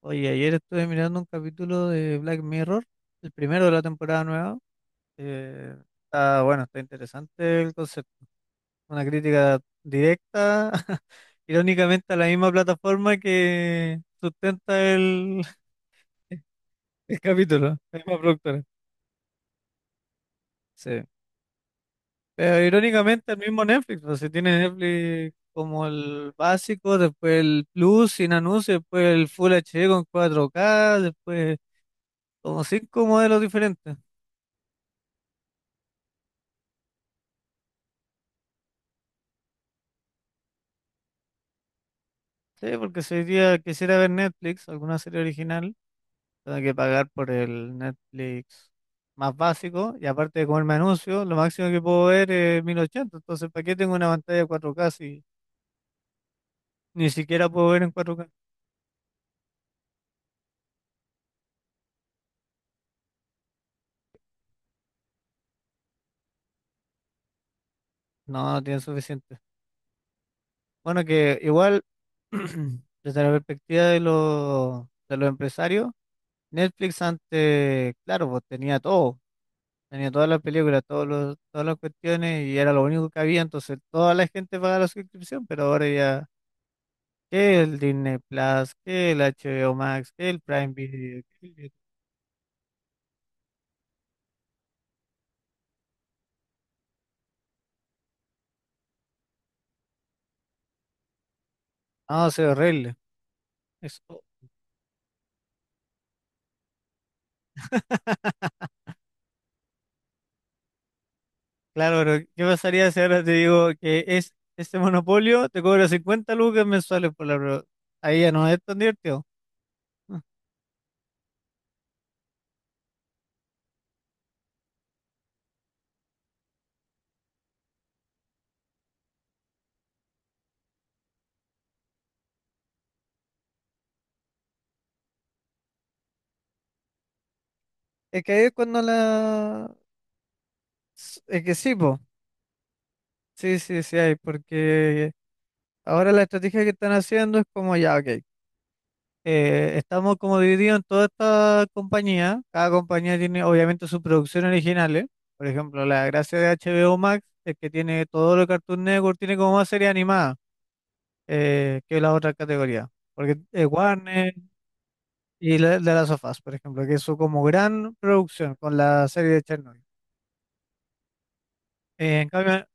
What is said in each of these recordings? Oye, ayer estuve mirando un capítulo de Black Mirror, el primero de la temporada nueva. Eh, Está bueno, está interesante el concepto. Una crítica directa, irónicamente, a la misma plataforma que sustenta el capítulo, la misma productora. Sí. Pero irónicamente, el mismo Netflix, o sea, tiene Netflix como el básico, después el Plus sin anuncios, después el Full HD con 4K después como cinco modelos diferentes. Sí, porque si hoy día quisiera ver Netflix, alguna serie original, tengo que pagar por el Netflix más básico y aparte de comerme anuncios, lo máximo que puedo ver es 1080. Entonces, ¿para qué tengo una pantalla 4K si ni siquiera puedo ver en 4K? No, no tiene suficiente. Bueno, que igual, desde la perspectiva de de los empresarios, Netflix antes, claro, pues tenía todo. Tenía todas las películas, todas las cuestiones y era lo único que había, entonces toda la gente pagaba la suscripción, pero ahora ya que el Disney Plus, que el HBO Max, que el Prime Video, que el YouTube. No, se ve horrible. Eso. Claro, pero ¿qué pasaría si ahora te digo que es este monopolio te cobra 50 lucas mensuales por la prueba? Ahí ya no es tan divertido. Ah, es que ahí es cuando la... Es que sí, po. Sí, sí, sí hay, porque ahora la estrategia que están haciendo es como ya, ok, estamos como divididos en toda esta compañía. Cada compañía tiene obviamente sus producciones originales. Por ejemplo, la gracia de HBO Max es que tiene todo lo que Cartoon Network, tiene como más serie animada que las otras categorías. Porque Warner de las sofás, por ejemplo, que es su como gran producción con la serie de Chernobyl. Eh, en cambio,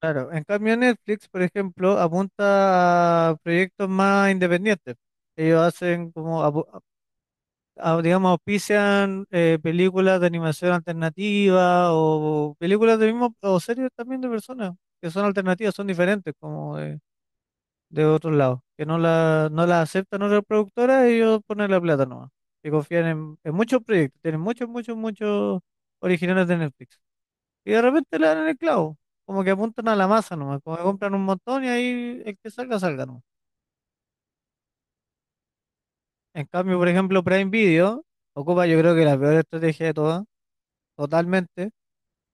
claro, en cambio Netflix, por ejemplo, apunta a proyectos más independientes. Ellos hacen digamos, auspician películas de animación alternativa o películas de mismo, o series también de personas que son alternativas, son diferentes como de otros lados, que no la aceptan otras productoras y ellos ponen la plata nomás, y confían en muchos proyectos, tienen muchos originales de Netflix. Y de repente le dan en el clavo, como que apuntan a la masa nomás, como que compran un montón y ahí el que salga, salga. En cambio, por ejemplo, Prime Video ocupa yo creo que la peor estrategia de todas, totalmente,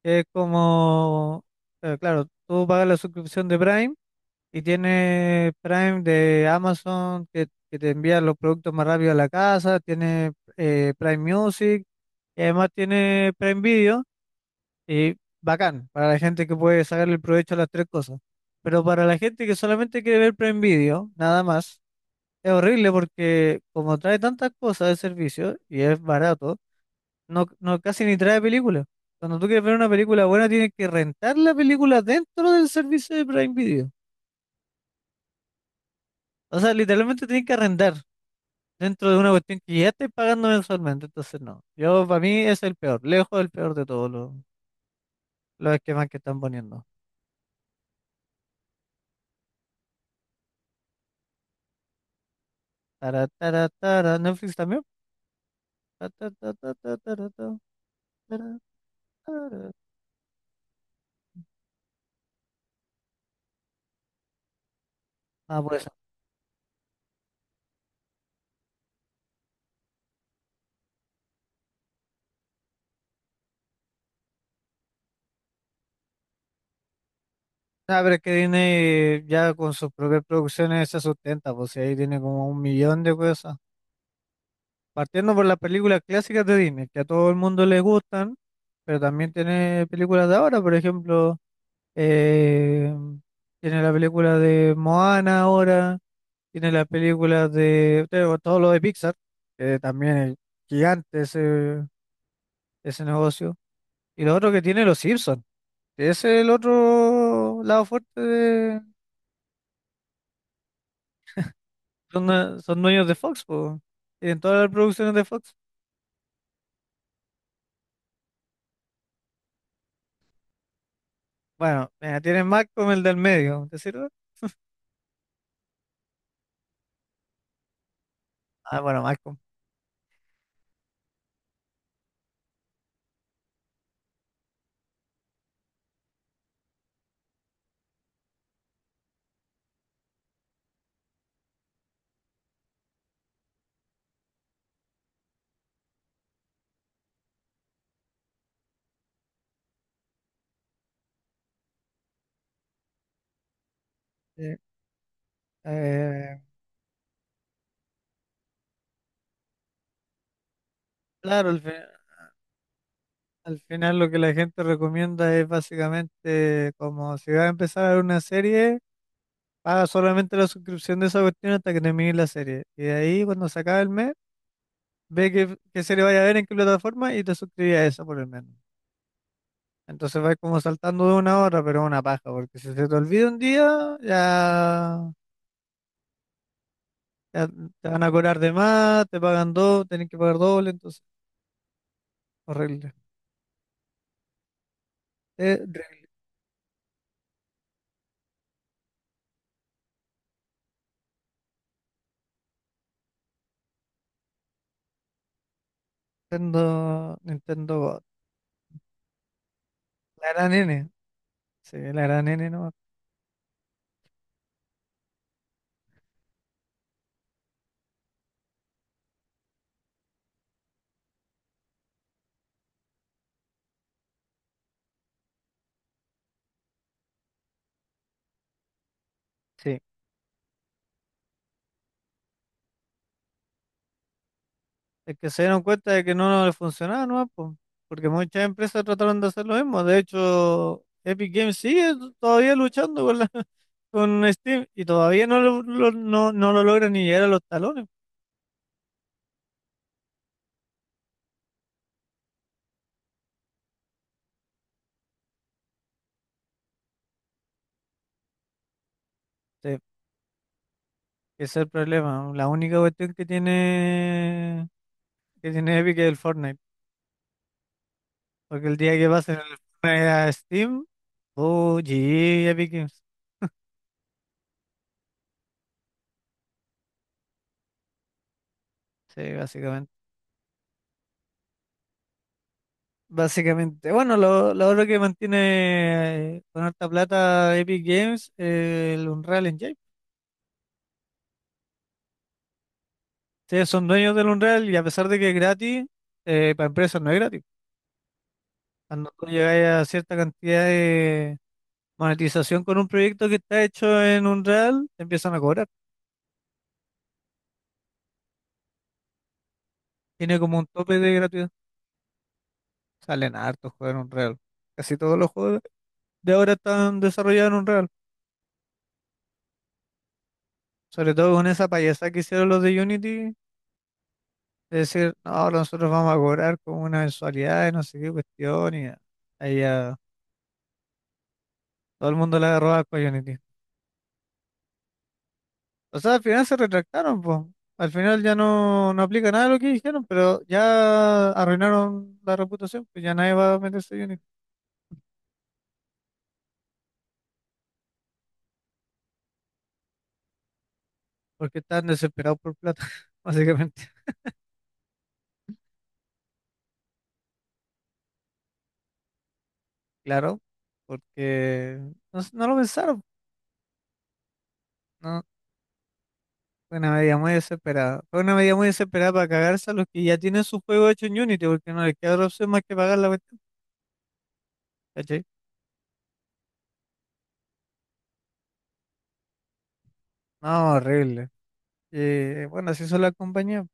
que es como, claro, tú pagas la suscripción de Prime y tienes Prime de Amazon que te envía los productos más rápido a la casa, tienes Prime Music y además tienes Prime Video. Y bacán, para la gente que puede sacarle el provecho a las tres cosas. Pero para la gente que solamente quiere ver Prime Video, nada más, es horrible porque como trae tantas cosas de servicio y es barato, no casi ni trae películas. Cuando tú quieres ver una película buena, tienes que rentar la película dentro del servicio de Prime Video. O sea, literalmente tienes que arrendar dentro de una cuestión que ya estás pagando mensualmente. Entonces, no. Yo, para mí, es el peor, lejos el peor de todos los esquemas que están poniendo. Tara, tara, tara. Netflix también ta, ta, ta, ta, ta, ta, ta, ta, ta. Ah, pues. Ah, pero es que Disney ya con sus propias producciones se sustenta, pues y ahí tiene como un millón de cosas. Partiendo por las películas clásicas de Disney, que a todo el mundo le gustan, pero también tiene películas de ahora, por ejemplo, eh, tiene la película de Moana ahora, tiene las películas de tengo todo lo de Pixar, que también es gigante ese, ese negocio. Y lo otro que tiene los Simpsons. Ese es el otro lado fuerte de... Son, son dueños de Fox, po. Tienen todas las producciones de Fox. Bueno, mira, tienen Malcolm, el del medio, ¿te sirve? Ah, bueno, Malcolm. Sí. Eh, claro, al final lo que la gente recomienda es básicamente como si vas a empezar a ver una serie, paga solamente la suscripción de esa cuestión hasta que termine la serie. Y de ahí, cuando se acabe el mes, ve qué serie vaya a ver, en qué plataforma y te suscribes a esa por el mes. Entonces vais como saltando de una hora, pero es una paja, porque si se te olvida un día, ya, ya te van a cobrar de más, te pagan dos, tenés que pagar doble, entonces, horrible. Eh, re- Nintendo, Nintendo God. La gran N, sí, la gran N nomás. Sí, es que se dieron cuenta de que no les funcionaba nomás, po, porque muchas empresas trataron de hacer lo mismo. De hecho, Epic Games sigue todavía luchando con Steam y todavía no no lo logran ni llegar a los talones. Sí. Ese es el problema. La única cuestión que tiene Epic es el Fortnite. Porque el día que pasen el Fortnite a Steam, oh, GG Epic Games. Sí, básicamente. Básicamente. Bueno, lo otro que mantiene con harta plata Epic Games es el Unreal Engine. Ustedes son dueños del Unreal y a pesar de que es gratis, para empresas no es gratis. Cuando tú llegas a cierta cantidad de monetización con un proyecto que está hecho en Unreal, te empiezan a cobrar. Tiene como un tope de gratuidad. Salen hartos juegos en Unreal. Casi todos los juegos de ahora están desarrollados en Unreal. Sobre todo con esa payasada que hicieron los de Unity, de decir, no, ahora nosotros vamos a cobrar con una mensualidad y no sé qué cuestión. Y ahí ya todo el mundo le agarró asco a Unity. O sea, al final se retractaron, pues. Al final ya no aplica nada de lo que dijeron, pero ya arruinaron la reputación, pues ya nadie va a meterse a Unity, porque están desesperados por plata, básicamente. Claro, porque no lo pensaron. No Fue una medida muy desesperada. Fue una medida muy desesperada para cagarse a los que ya tienen su juego hecho en Unity, porque no les queda otra opción más que pagar la cuestión. ¿Cachai? No, horrible. Y bueno, así son las compañías.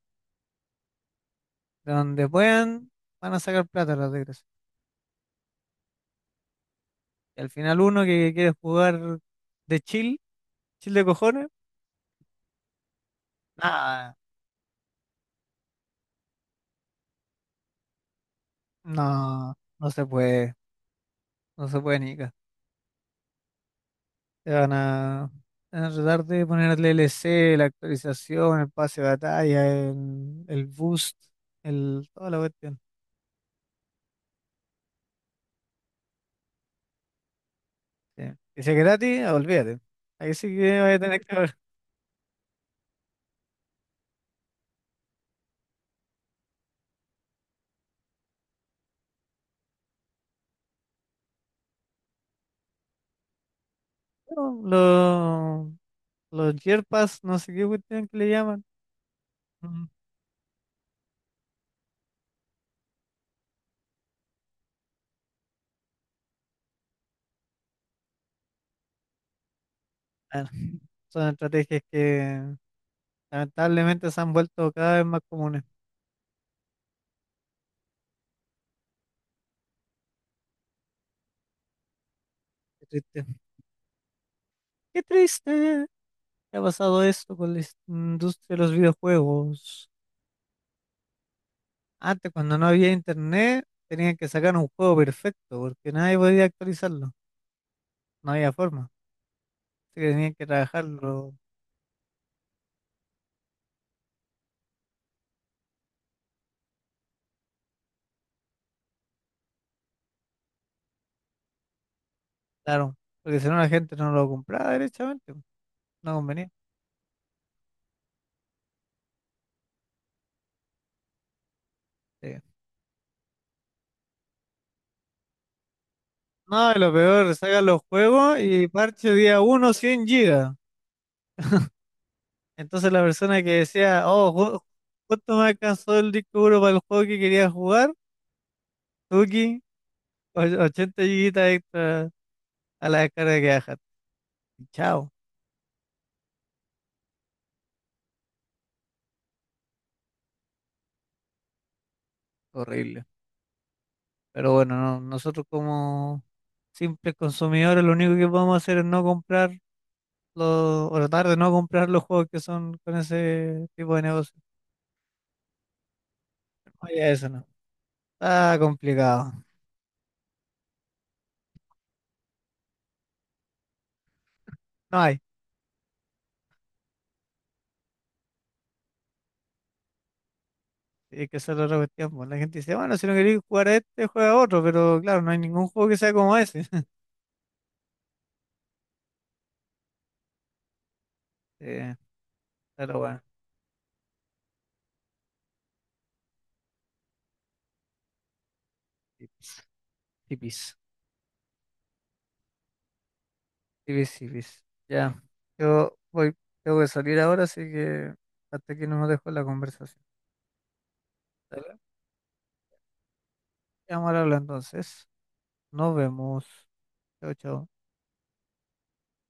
De donde puedan, van a sacar plata las desgracias. Y al final uno que quiere jugar de chill, chill de cojones, nada, no se puede, no se puede ni ca. Te van a, te van a tratar de poner el DLC, la actualización, el pase de batalla, el boost, el, toda la cuestión. Sí. Y si es gratis, olvídate. Ahí sí que voy a tener que ver. No, los Yerpas, no sé qué cuestión que le llaman. Mm. Bueno, son estrategias que lamentablemente se han vuelto cada vez más comunes. Qué triste. Qué triste que ha pasado esto con la industria de los videojuegos. Antes, cuando no había internet, tenían que sacar un juego perfecto porque nadie podía actualizarlo. No había forma. Así que tenían que trabajarlo, claro, porque si no la gente no lo compraba derechamente. No convenía. Sí. No, y lo peor, sacan los juegos y parche día uno 100 gigas. Entonces la persona que decía, oh, justo me alcanzó el disco duro para el juego que quería jugar, Tuki, 80 gigas extra a la descarga que bajaste. Y chao, horrible. Pero bueno, no, nosotros como simples consumidores lo único que podemos hacer es no comprar los, o tratar de no comprar los juegos que son con ese tipo de negocio. Oye, eso no. Está complicado. No hay. Y que esa es la otra cuestión, pues. La gente dice, bueno, si no queréis jugar a este, juega a otro, pero claro, no hay ningún juego que sea como ese. Eh, pero bueno, tipis, tipis, tipis, tipis. Ya, yo voy, tengo que salir ahora, así que hasta aquí no nos dejo la conversación. Dale. Vamos a hablar entonces. Nos vemos. Chao, chao.